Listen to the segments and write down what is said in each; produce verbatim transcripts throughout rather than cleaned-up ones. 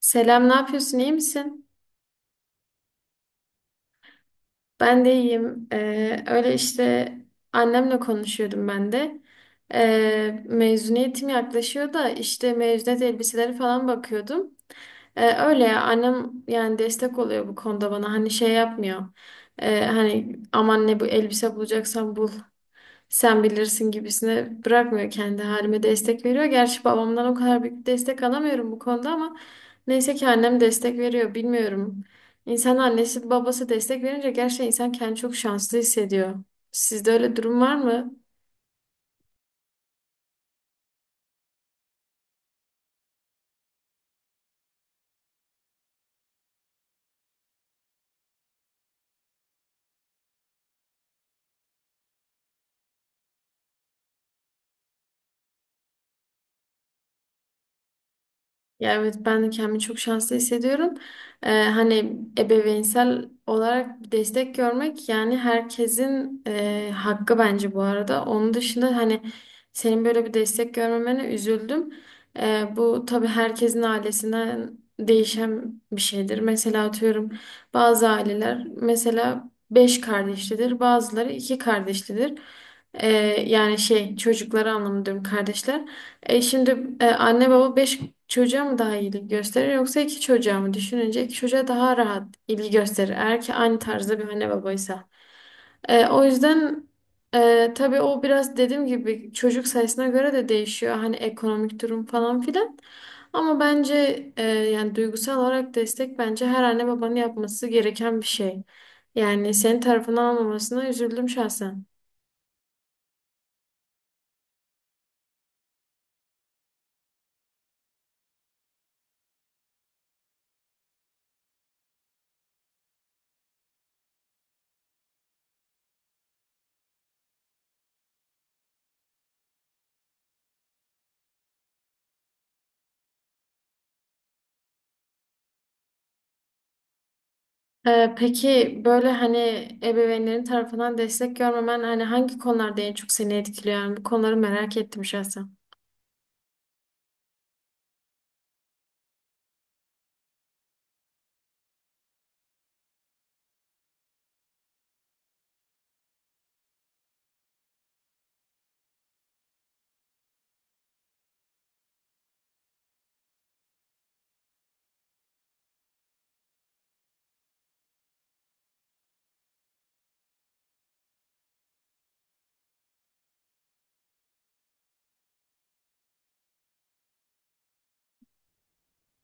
Selam, ne yapıyorsun? İyi misin? Ben de iyiyim. Ee, öyle işte annemle konuşuyordum ben de. Ee, mezuniyetim yaklaşıyor da işte mezuniyet elbiseleri falan bakıyordum. Ee, öyle ya annem yani destek oluyor bu konuda bana. Hani şey yapmıyor. Ee, hani aman ne bu elbise bulacaksan bul. Sen bilirsin gibisine bırakmıyor kendi halime destek veriyor. Gerçi babamdan o kadar büyük destek alamıyorum bu konuda ama neyse ki annem destek veriyor bilmiyorum. İnsan annesi babası destek verince gerçekten insan kendini çok şanslı hissediyor. Sizde öyle durum var mı? Ya evet ben de kendimi çok şanslı hissediyorum. Ee, hani ebeveynsel olarak destek görmek yani herkesin e, hakkı bence bu arada. Onun dışında hani senin böyle bir destek görmemene üzüldüm. Ee, bu tabii herkesin ailesinden değişen bir şeydir. Mesela atıyorum bazı aileler mesela beş kardeşlidir, bazıları iki kardeşlidir. Ee, Yani şey çocukları anlamında diyorum kardeşler. E şimdi e, anne baba beş çocuğa mı daha ilgi gösterir yoksa iki çocuğa mı? Düşününce iki çocuğa daha rahat ilgi gösterir. Eğer ki aynı tarzda bir anne babaysa. E, o yüzden e, tabii o biraz dediğim gibi çocuk sayısına göre de değişiyor. Hani ekonomik durum falan filan. Ama bence e, yani duygusal olarak destek bence her anne babanın yapması gereken bir şey. Yani senin tarafından almamasına üzüldüm şahsen. Ee, peki böyle hani ebeveynlerin tarafından destek görmemen hani hangi konularda en çok seni etkiliyor? Yani bu konuları merak ettim şahsen.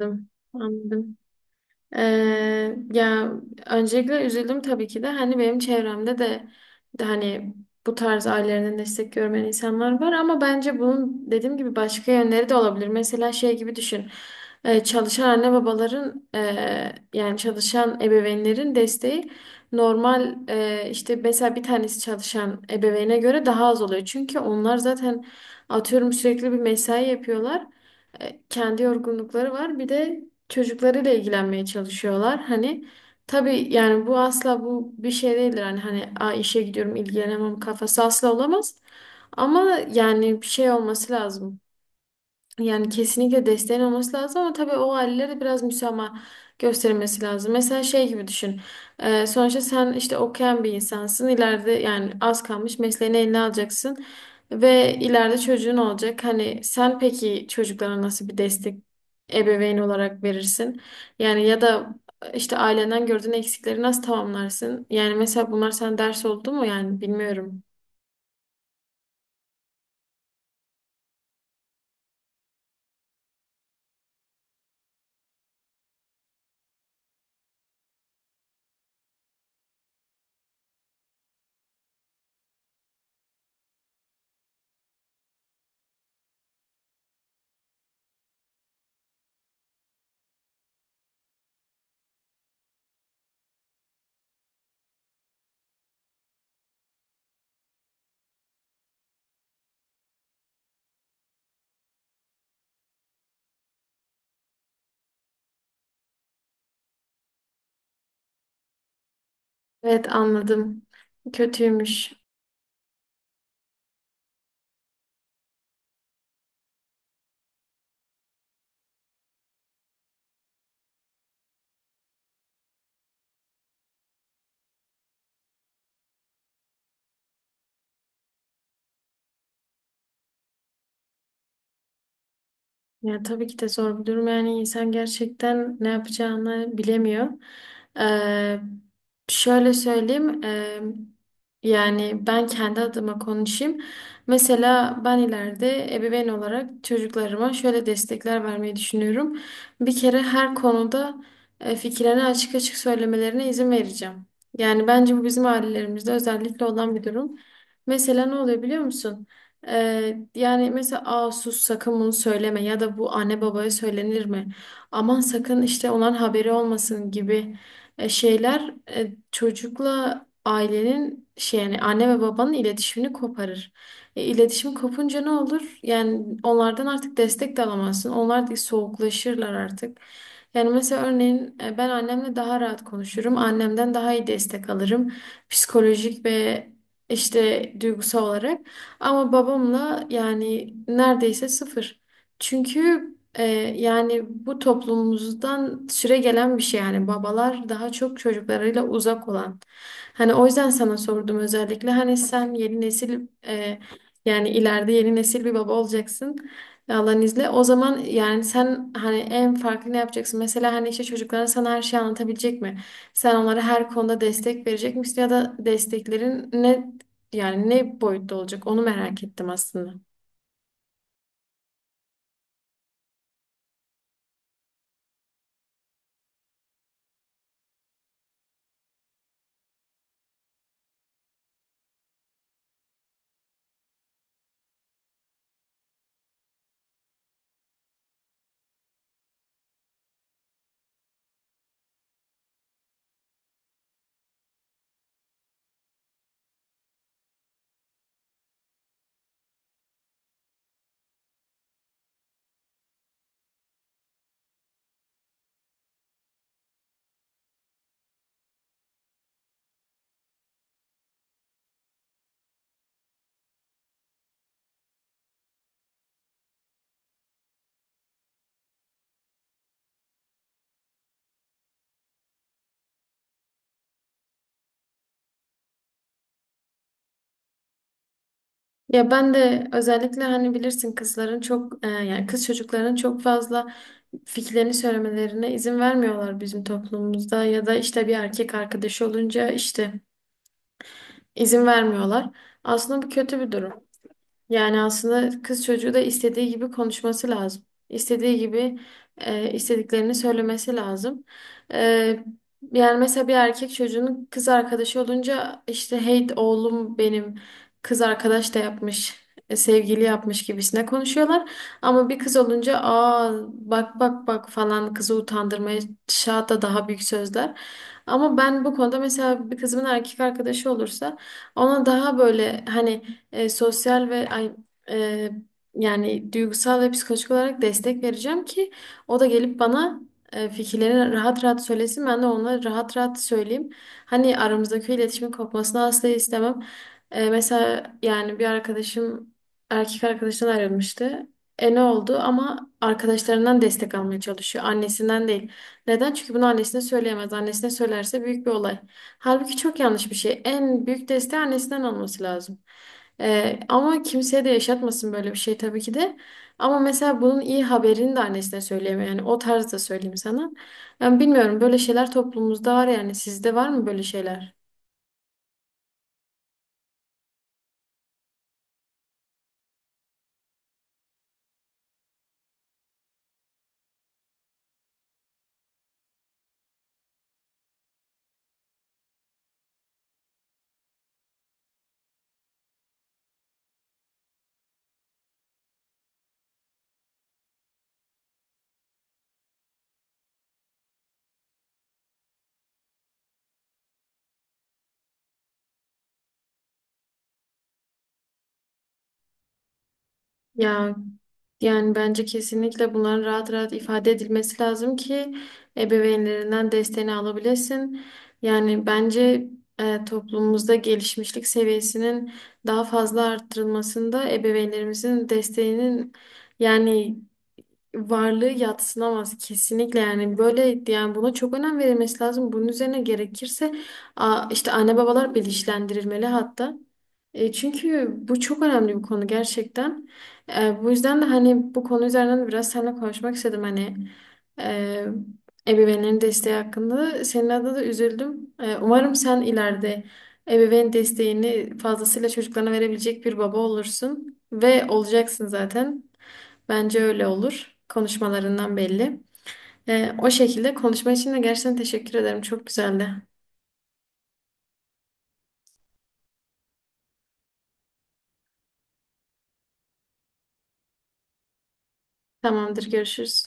Anladım. Anladım. Ee, ya öncelikle üzüldüm tabii ki de hani benim çevremde de, de hani bu tarz ailelerinden destek görmeyen insanlar var ama bence bunun dediğim gibi başka yönleri de olabilir. Mesela şey gibi düşün. Ee, çalışan anne babaların e, yani çalışan ebeveynlerin desteği normal e, işte mesela bir tanesi çalışan ebeveyne göre daha az oluyor. Çünkü onlar zaten atıyorum sürekli bir mesai yapıyorlar. E, kendi yorgunlukları var. Bir de çocuklarıyla ilgilenmeye çalışıyorlar. Hani tabii yani bu asla bu bir şey değildir. Hani hani "Aa, işe gidiyorum ilgilenemem" kafası asla olamaz. Ama yani bir şey olması lazım. Yani kesinlikle desteğin olması lazım ama tabii o ailelere biraz müsamaha gösterilmesi lazım. Mesela şey gibi düşün. Ee, sonuçta sen işte okuyan bir insansın. İleride yani az kalmış mesleğini eline alacaksın. Ve ileride çocuğun olacak. Hani sen peki çocuklara nasıl bir destek ebeveyn olarak verirsin? Yani ya da işte ailenden gördüğün eksikleri nasıl tamamlarsın? Yani mesela bunlar sana ders oldu mu? Yani bilmiyorum. Evet anladım. Kötüymüş. Ya tabii ki de zor bir durum. Yani insan gerçekten ne yapacağını bilemiyor. Ee, Şöyle söyleyeyim. Ee, yani ben kendi adıma konuşayım. Mesela ben ileride ebeveyn olarak çocuklarıma şöyle destekler vermeyi düşünüyorum. Bir kere her konuda e, fikirlerini açık açık söylemelerine izin vereceğim. Yani bence bu bizim ailelerimizde özellikle olan bir durum. Mesela ne oluyor biliyor musun? Ee, yani mesela aa sus sakın bunu söyleme ya da bu anne babaya söylenir mi? Aman sakın işte onların haberi olmasın gibi e, şeyler e, çocukla ailenin şey yani anne ve babanın iletişimini koparır. E, iletişim kopunca ne olur? Yani onlardan artık destek de alamazsın. Onlar da soğuklaşırlar artık. Yani mesela örneğin e, ben annemle daha rahat konuşurum. Annemden daha iyi destek alırım. Psikolojik ve işte duygusal olarak. Ama babamla yani neredeyse sıfır. Çünkü e, yani bu toplumumuzdan süre gelen bir şey yani babalar daha çok çocuklarıyla uzak olan. Hani o yüzden sana sordum özellikle hani sen yeni nesil e, yani ileride yeni nesil bir baba olacaksın. Allah'ın izniyle. O zaman yani sen hani en farklı ne yapacaksın? Mesela hani işte çocuklara sana her şeyi anlatabilecek mi? Sen onlara her konuda destek verecek misin ya da desteklerin ne yani ne boyutta olacak onu merak ettim aslında. Ya ben de özellikle hani bilirsin kızların çok e, yani kız çocukların çok fazla fikirlerini söylemelerine izin vermiyorlar bizim toplumumuzda ya da işte bir erkek arkadaşı olunca işte izin vermiyorlar. Aslında bu kötü bir durum. Yani aslında kız çocuğu da istediği gibi konuşması lazım. İstediği gibi e, istediklerini söylemesi lazım. E, Yani mesela bir erkek çocuğunun kız arkadaşı olunca işte hey oğlum benim kız arkadaş da yapmış, e, sevgili yapmış gibisine konuşuyorlar. Ama bir kız olunca aa bak bak bak falan kızı utandırmaya hatta daha büyük sözler. Ama ben bu konuda mesela bir kızımın erkek arkadaşı olursa ona daha böyle hani e, sosyal ve ay, e, yani duygusal ve psikolojik olarak destek vereceğim ki o da gelip bana e, fikirlerini rahat rahat söylesin. Ben de ona rahat rahat söyleyeyim. Hani aramızdaki iletişimin kopmasını asla istemem. E, mesela yani bir arkadaşım erkek arkadaşından ayrılmıştı. E ne oldu? Ama arkadaşlarından destek almaya çalışıyor. Annesinden değil. Neden? Çünkü bunu annesine söyleyemez. Annesine söylerse büyük bir olay. Halbuki çok yanlış bir şey. En büyük desteği annesinden alması lazım. Ee, ama kimseye de yaşatmasın böyle bir şey tabii ki de. Ama mesela bunun iyi haberini de annesine söyleyemiyor. Yani o tarzda söyleyeyim sana. Yani bilmiyorum böyle şeyler toplumumuzda var yani. Sizde var mı böyle şeyler? Ya yani bence kesinlikle bunların rahat rahat ifade edilmesi lazım ki ebeveynlerinden desteğini alabilesin. Yani bence e, toplumumuzda gelişmişlik seviyesinin daha fazla arttırılmasında ebeveynlerimizin desteğinin yani varlığı yadsınamaz kesinlikle yani böyle yani buna çok önem verilmesi lazım. Bunun üzerine gerekirse a- işte anne babalar bilinçlendirilmeli hatta. E, çünkü bu çok önemli bir konu gerçekten. E, bu yüzden de hani bu konu üzerinden de biraz seninle konuşmak istedim hani e, ebeveynlerin desteği hakkında. Senin adına da üzüldüm. E, umarım sen ileride ebeveyn desteğini fazlasıyla çocuklarına verebilecek bir baba olursun ve olacaksın zaten. Bence öyle olur. Konuşmalarından belli. Ee, o şekilde konuşma için de gerçekten teşekkür ederim. Çok güzeldi. Tamamdır, görüşürüz.